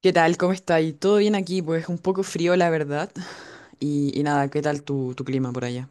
¿Qué tal? ¿Cómo está ahí? ¿Todo bien aquí? Pues un poco frío, la verdad. Y nada, ¿qué tal tu clima por allá?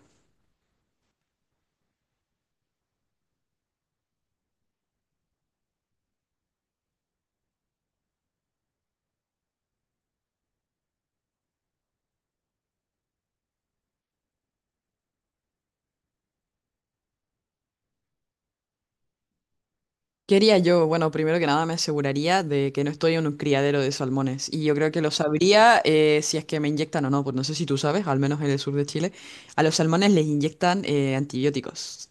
¿Qué haría yo? Bueno, primero que nada me aseguraría de que no estoy en un criadero de salmones. Y yo creo que lo sabría, si es que me inyectan o no. Pues no sé si tú sabes, al menos en el sur de Chile, a los salmones les inyectan, antibióticos.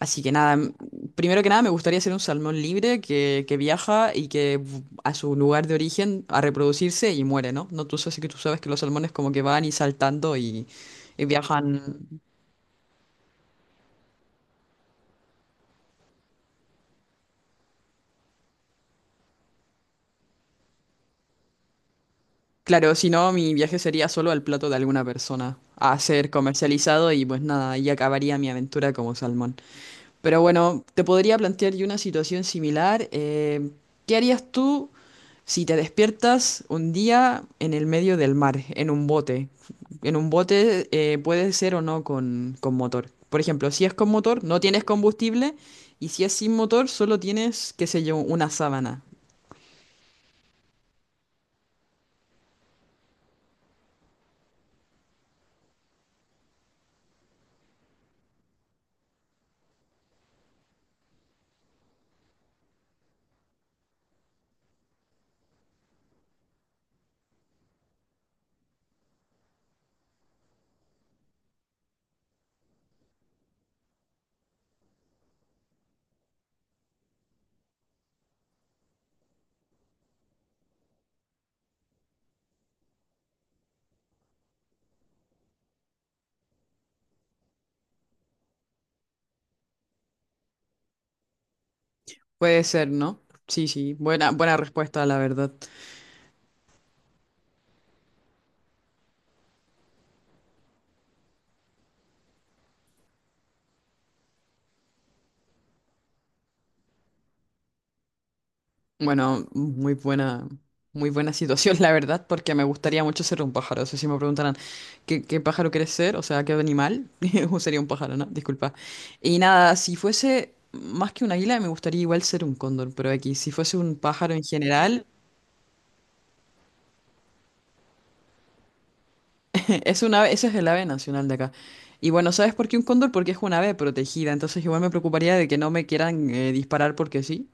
Así que nada, primero que nada me gustaría ser un salmón libre que viaja y que a su lugar de origen a reproducirse y muere, ¿no? No, tú sabes que los salmones como que van y saltando y viajan. Claro, si no, mi viaje sería solo al plato de alguna persona a ser comercializado y pues nada, ahí acabaría mi aventura como salmón. Pero bueno, te podría plantear yo una situación similar. ¿Qué harías tú si te despiertas un día en el medio del mar, en un bote? En un bote, puede ser o no con motor. Por ejemplo, si es con motor, no tienes combustible, y si es sin motor, solo tienes, qué sé yo, una sábana. Puede ser, ¿no? Sí, sí, buena, buena respuesta, la verdad. Bueno, muy buena situación, la verdad, porque me gustaría mucho ser un pájaro. O sea, si me preguntaran qué, qué pájaro quieres ser, o sea, qué animal, sería un pájaro, ¿no? Disculpa. Y nada, si fuese más que un águila, me gustaría igual ser un cóndor, pero aquí, si fuese un pájaro en general, es un ave, ese es el ave nacional de acá. Y bueno, ¿sabes por qué un cóndor? Porque es un ave protegida, entonces igual me preocuparía de que no me quieran, disparar porque sí.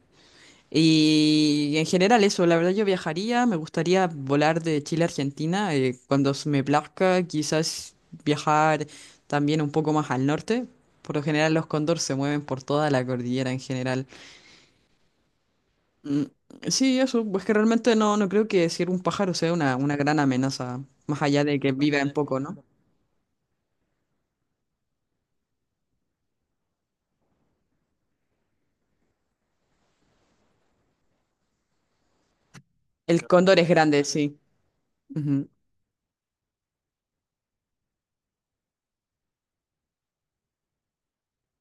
Y en general eso, la verdad yo viajaría, me gustaría volar de Chile a Argentina, cuando se me plazca, quizás viajar también un poco más al norte. Por lo general los cóndor se mueven por toda la cordillera en general. Mm, sí, eso, pues que realmente no, no creo que decir un pájaro sea una gran amenaza, más allá de que viva un poco, ¿no? El cóndor es grande, sí. Ujú.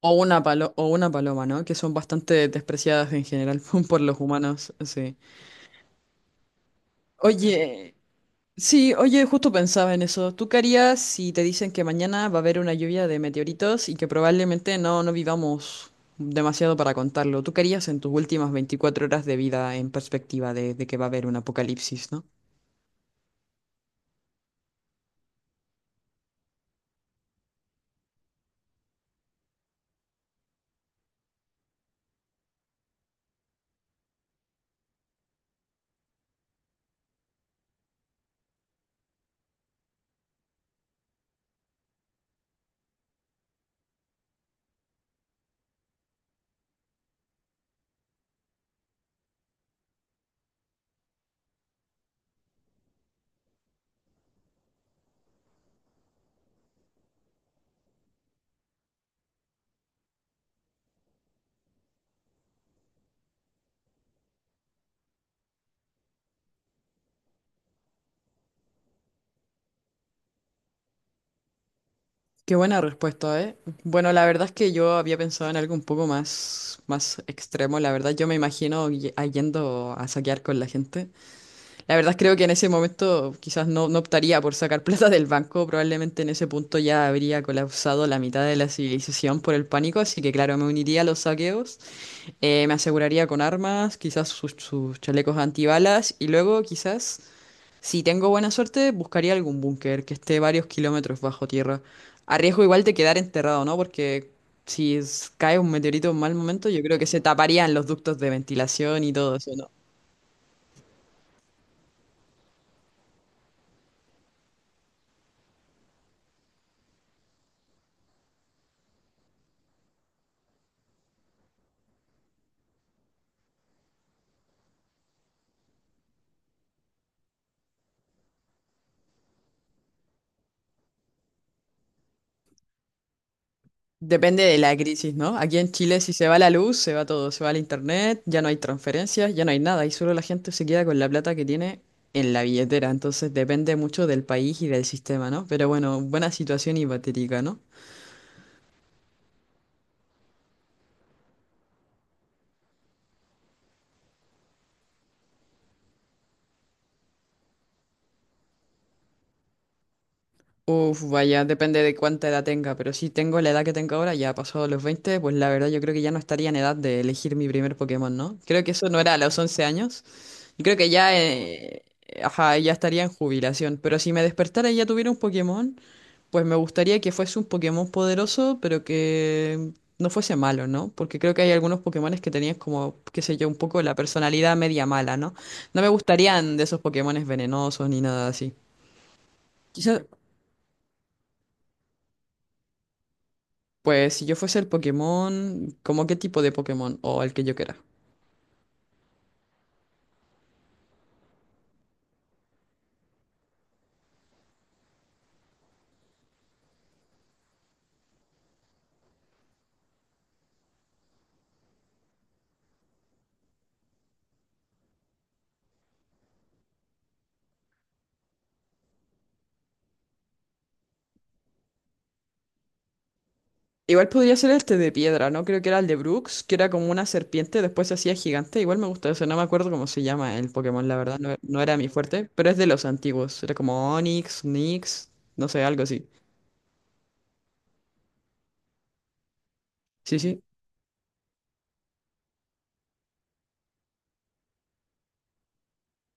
O una palo- o una paloma, ¿no? Que son bastante despreciadas en general por los humanos, sí. Oye, sí, oye, justo pensaba en eso. ¿Tú qué harías si te dicen que mañana va a haber una lluvia de meteoritos y que probablemente no, no vivamos demasiado para contarlo? ¿Tú qué harías en tus últimas 24 horas de vida en perspectiva de que va a haber un apocalipsis, ¿no? Qué buena respuesta, ¿eh? Bueno, la verdad es que yo había pensado en algo un poco más, más extremo. La verdad, yo me imagino a yendo a saquear con la gente. La verdad creo que en ese momento quizás no, no optaría por sacar plata del banco, probablemente en ese punto ya habría colapsado la mitad de la civilización por el pánico, así que claro, me uniría a los saqueos, me aseguraría con armas, quizás sus chalecos antibalas y luego quizás, si tengo buena suerte, buscaría algún búnker que esté varios kilómetros bajo tierra. Arriesgo igual de quedar enterrado, ¿no? Porque si es- cae un meteorito en mal momento, yo creo que se taparían los ductos de ventilación y todo eso, ¿no? Depende de la crisis, ¿no? Aquí en Chile si se va la luz, se va todo, se va el internet, ya no hay transferencias, ya no hay nada y solo la gente se queda con la plata que tiene en la billetera. Entonces depende mucho del país y del sistema, ¿no? Pero bueno, buena situación hipotética, ¿no? Uf, vaya, depende de cuánta edad tenga, pero si tengo la edad que tengo ahora, ya pasado los 20, pues la verdad yo creo que ya no estaría en edad de elegir mi primer Pokémon, ¿no? Creo que eso no era a los 11 años y creo que ya, ajá, ya estaría en jubilación, pero si me despertara y ya tuviera un Pokémon... Pues me gustaría que fuese un Pokémon poderoso, pero que no fuese malo, ¿no? Porque creo que hay algunos Pokémones que tenían como, qué sé yo, un poco la personalidad media mala, ¿no? No me gustarían de esos Pokémones venenosos ni nada así. Quizás, pues si yo fuese el Pokémon, ¿como qué tipo de Pokémon? O el que yo quiera. Igual podría ser este de piedra, ¿no? Creo que era el de Brooks, que era como una serpiente, después se hacía gigante. Igual me gusta eso, no me acuerdo cómo se llama el Pokémon, la verdad, no, no era mi fuerte, pero es de los antiguos. Era como Onix, Nix, no sé, algo así. Sí, sí.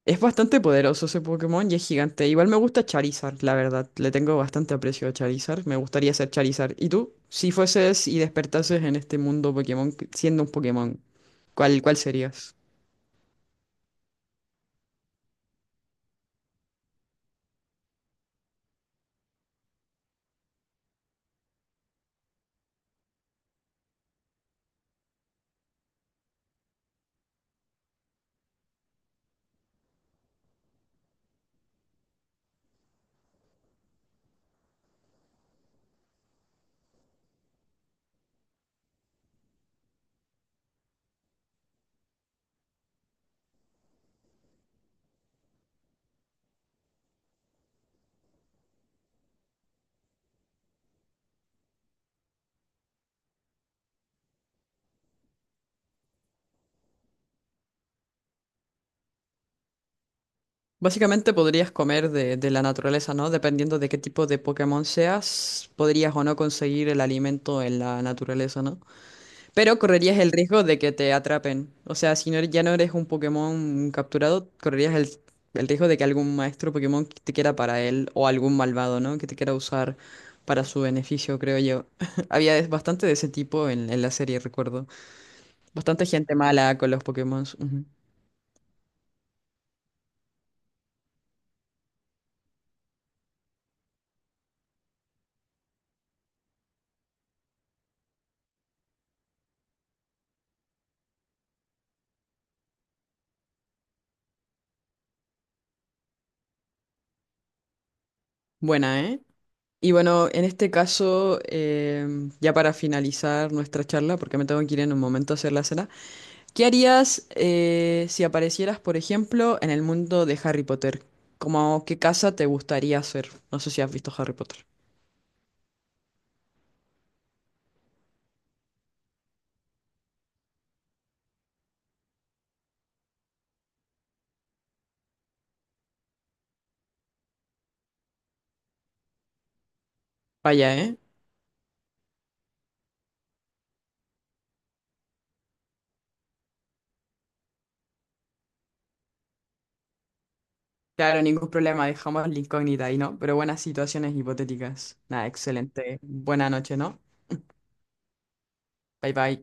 Es bastante poderoso ese Pokémon y es gigante. Igual me gusta Charizard, la verdad. Le tengo bastante aprecio a Charizard. Me gustaría ser Charizard. ¿Y tú? Si fueses y despertases en este mundo Pokémon, siendo un Pokémon, ¿cuál, cuál serías? Básicamente podrías comer de la naturaleza, ¿no? Dependiendo de qué tipo de Pokémon seas, podrías o no conseguir el alimento en la naturaleza, ¿no? Pero correrías el riesgo de que te atrapen. O sea, ya no eres un Pokémon capturado, correrías el riesgo de que algún maestro Pokémon que te quiera para él o algún malvado, ¿no? Que te quiera usar para su beneficio, creo yo. Bastante de ese tipo en la serie, recuerdo. Bastante gente mala con los Pokémon. Buena, ¿eh? Y bueno, en este caso, ya para finalizar nuestra charla, porque me tengo que ir en un momento a hacer la cena. ¿Qué harías, si aparecieras, por ejemplo, en el mundo de Harry Potter? ¿Cómo qué casa te gustaría ser? No sé si has visto Harry Potter. Vaya, ¿eh? Claro, ningún problema, dejamos la incógnita ahí, ¿no? Pero buenas situaciones hipotéticas. Nada, excelente. Buena noche, ¿no? Bye bye.